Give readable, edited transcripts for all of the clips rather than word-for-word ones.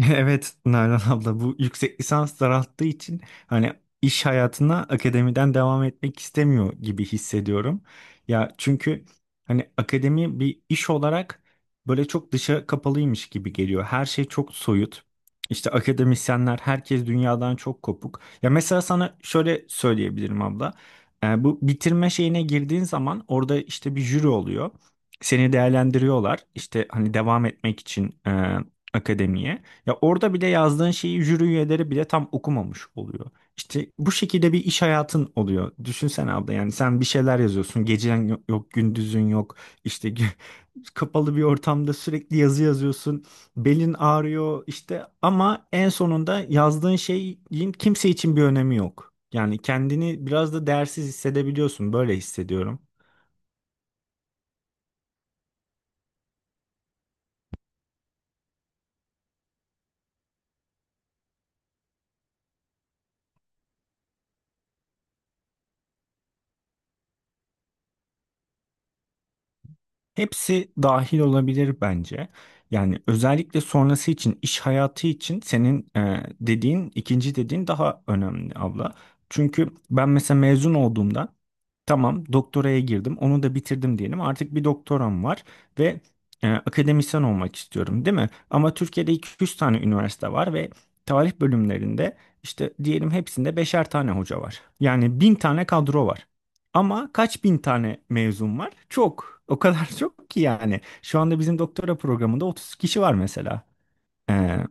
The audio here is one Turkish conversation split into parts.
Evet Nalan abla bu yüksek lisans daralttığı için hani iş hayatına akademiden devam etmek istemiyor gibi hissediyorum. Ya çünkü hani akademi bir iş olarak böyle çok dışa kapalıymış gibi geliyor. Her şey çok soyut. İşte akademisyenler herkes dünyadan çok kopuk. Ya mesela sana şöyle söyleyebilirim abla. Bu bitirme şeyine girdiğin zaman orada işte bir jüri oluyor. Seni değerlendiriyorlar. İşte hani devam etmek için akademiye. Ya orada bile yazdığın şeyi jüri üyeleri bile tam okumamış oluyor. İşte bu şekilde bir iş hayatın oluyor. Düşünsene abla yani sen bir şeyler yazıyorsun. Gecen yok, gündüzün yok. İşte kapalı bir ortamda sürekli yazı yazıyorsun. Belin ağrıyor işte ama en sonunda yazdığın şeyin kimse için bir önemi yok. Yani kendini biraz da değersiz hissedebiliyorsun. Böyle hissediyorum. Hepsi dahil olabilir bence. Yani özellikle sonrası için, iş hayatı için senin dediğin, ikinci dediğin daha önemli abla. Çünkü ben mesela mezun olduğumda tamam doktoraya girdim, onu da bitirdim diyelim. Artık bir doktoram var ve akademisyen olmak istiyorum, değil mi? Ama Türkiye'de iki üç tane üniversite var ve tarih bölümlerinde işte diyelim hepsinde 5'er tane hoca var. Yani bin tane kadro var. Ama kaç bin tane mezun var? Çok. O kadar çok ki yani. Şu anda bizim doktora programında 30 kişi var mesela. Ee,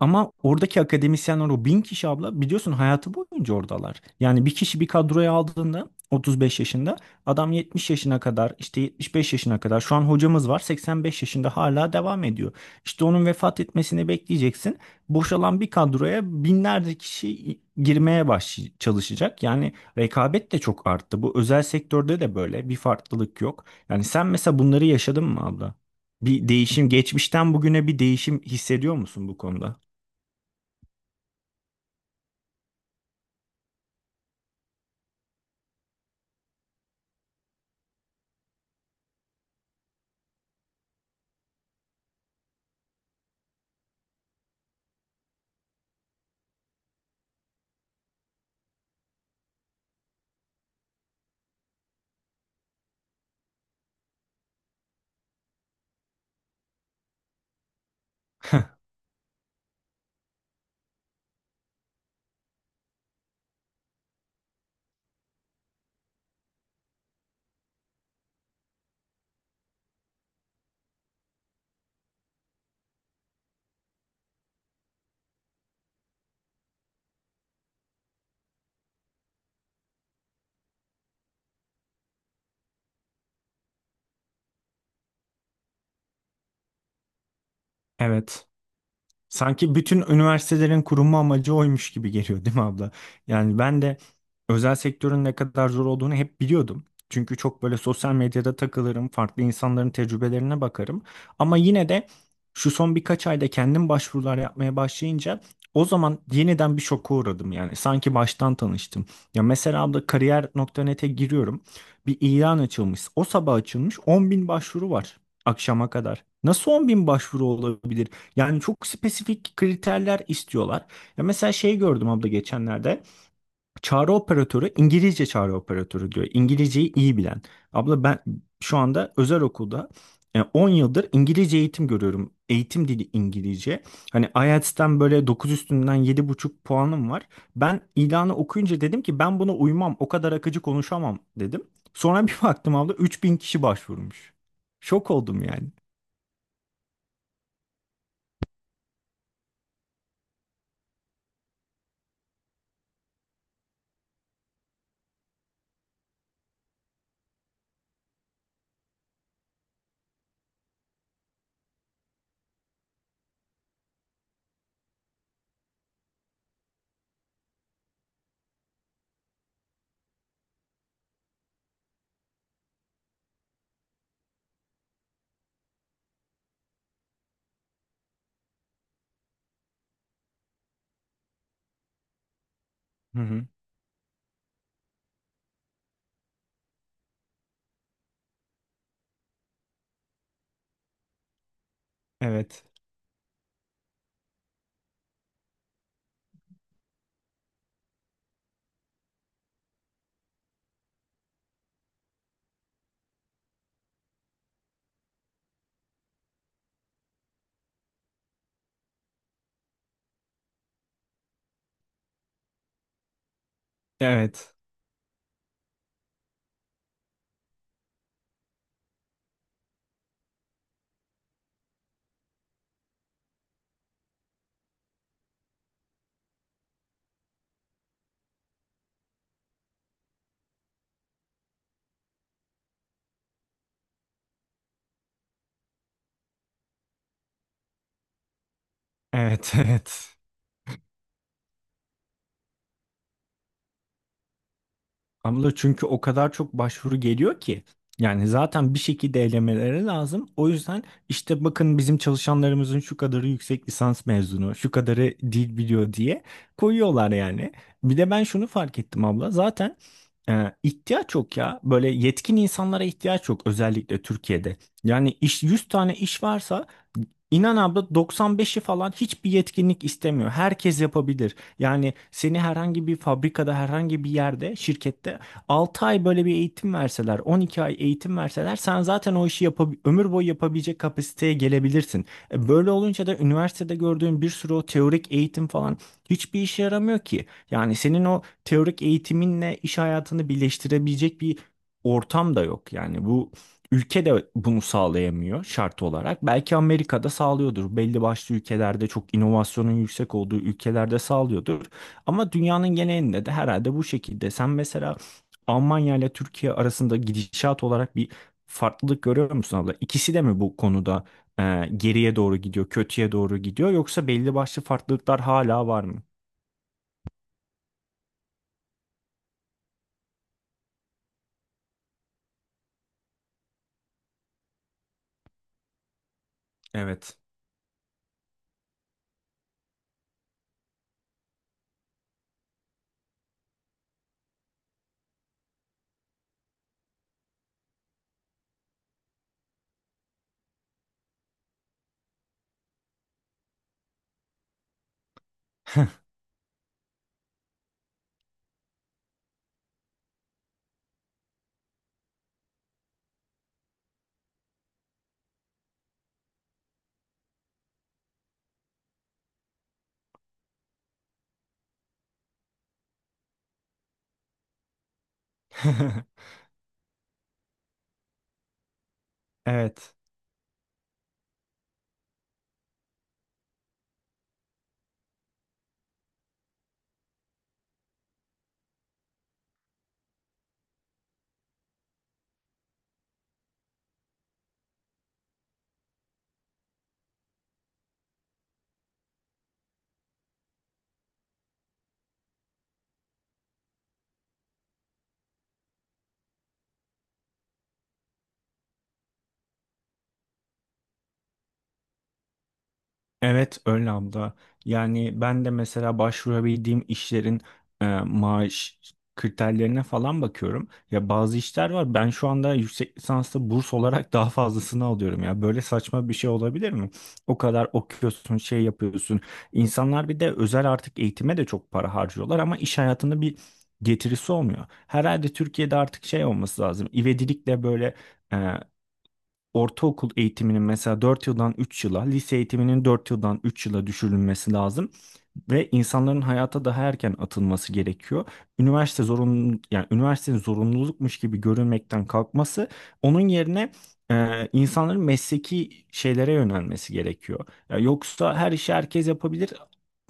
ama oradaki akademisyenler o bin kişi abla biliyorsun hayatı boyunca oradalar. Yani bir kişi bir kadroya aldığında 35 yaşında adam 70 yaşına kadar işte 75 yaşına kadar şu an hocamız var 85 yaşında hala devam ediyor. İşte onun vefat etmesini bekleyeceksin. Boşalan bir kadroya binlerce kişi girmeye baş çalışacak. Yani rekabet de çok arttı. Bu özel sektörde de böyle bir farklılık yok. Yani sen mesela bunları yaşadın mı abla? Bir değişim, geçmişten bugüne bir değişim hissediyor musun bu konuda? Evet. Sanki bütün üniversitelerin kurulma amacı oymuş gibi geliyor, değil mi abla? Yani ben de özel sektörün ne kadar zor olduğunu hep biliyordum. Çünkü çok böyle sosyal medyada takılırım, farklı insanların tecrübelerine bakarım. Ama yine de şu son birkaç ayda kendim başvurular yapmaya başlayınca o zaman yeniden bir şoka uğradım yani. Sanki baştan tanıştım. Ya mesela abla kariyer.net'e giriyorum. Bir ilan açılmış. O sabah açılmış 10 bin başvuru var akşama kadar. Nasıl 10 bin başvuru olabilir? Yani çok spesifik kriterler istiyorlar. Ya mesela şey gördüm abla geçenlerde. Çağrı operatörü İngilizce çağrı operatörü diyor. İngilizceyi iyi bilen. Abla ben şu anda özel okulda 10 yıldır İngilizce eğitim görüyorum. Eğitim dili İngilizce. Hani IELTS'ten böyle 9 üstünden 7,5 puanım var. Ben ilanı okuyunca dedim ki ben buna uymam. O kadar akıcı konuşamam dedim. Sonra bir baktım abla 3000 kişi başvurmuş. Şok oldum yani. Hı hı. Evet. Evet. Evet. Evet. Abla çünkü o kadar çok başvuru geliyor ki. Yani zaten bir şekilde elemeleri lazım. O yüzden işte bakın bizim çalışanlarımızın şu kadarı yüksek lisans mezunu, şu kadarı dil biliyor diye koyuyorlar yani. Bir de ben şunu fark ettim abla. Zaten ihtiyaç yok ya. Böyle yetkin insanlara ihtiyaç yok özellikle Türkiye'de. Yani iş 100 tane iş varsa inan abla 95'i falan hiçbir yetkinlik istemiyor. Herkes yapabilir. Yani seni herhangi bir fabrikada, herhangi bir yerde, şirkette 6 ay böyle bir eğitim verseler, 12 ay eğitim verseler sen zaten o işi ömür boyu yapabilecek kapasiteye gelebilirsin. Böyle olunca da üniversitede gördüğün bir sürü o teorik eğitim falan hiçbir işe yaramıyor ki. Yani senin o teorik eğitiminle iş hayatını birleştirebilecek bir ortam da yok. Yani bu ülke de bunu sağlayamıyor şart olarak. Belki Amerika'da sağlıyordur. Belli başlı ülkelerde çok inovasyonun yüksek olduğu ülkelerde sağlıyordur. Ama dünyanın genelinde de herhalde bu şekilde. Sen mesela Almanya ile Türkiye arasında gidişat olarak bir farklılık görüyor musun abla? İkisi de mi bu konuda geriye doğru gidiyor, kötüye doğru gidiyor yoksa belli başlı farklılıklar hala var mı? Evet. Evet. Evet öyle abla. Yani ben de mesela başvurabildiğim işlerin maaş kriterlerine falan bakıyorum. Ya bazı işler var. Ben şu anda yüksek lisanslı burs olarak daha fazlasını alıyorum ya. Böyle saçma bir şey olabilir mi? O kadar okuyorsun, şey yapıyorsun. İnsanlar bir de özel artık eğitime de çok para harcıyorlar ama iş hayatında bir getirisi olmuyor. Herhalde Türkiye'de artık şey olması lazım. İvedilikle böyle e, ortaokul eğitiminin mesela 4 yıldan 3 yıla, lise eğitiminin 4 yıldan 3 yıla düşürülmesi lazım ve insanların hayata daha erken atılması gerekiyor. Üniversite zorunlu yani üniversitenin zorunlulukmuş gibi görünmekten kalkması onun yerine insanların mesleki şeylere yönelmesi gerekiyor. Ya yoksa her işi herkes yapabilir.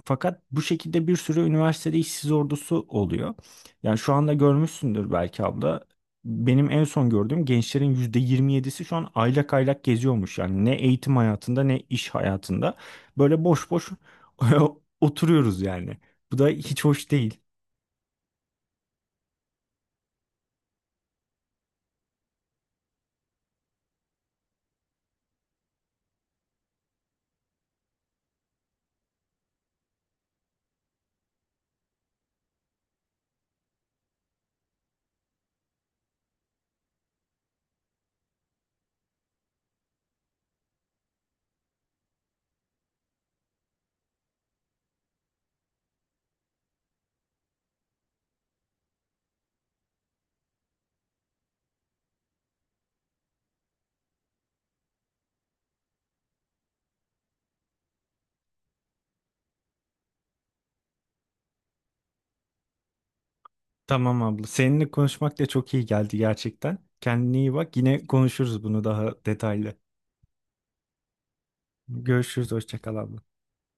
Fakat bu şekilde bir sürü üniversitede işsiz ordusu oluyor. Yani şu anda görmüşsündür belki abla. Benim en son gördüğüm gençlerin %27'si şu an aylak aylak geziyormuş. Yani ne eğitim hayatında ne iş hayatında. Böyle boş boş oturuyoruz yani. Bu da hiç hoş değil. Tamam abla. Seninle konuşmak da çok iyi geldi gerçekten. Kendine iyi bak. Yine konuşuruz bunu daha detaylı. Görüşürüz. Hoşça kal abla.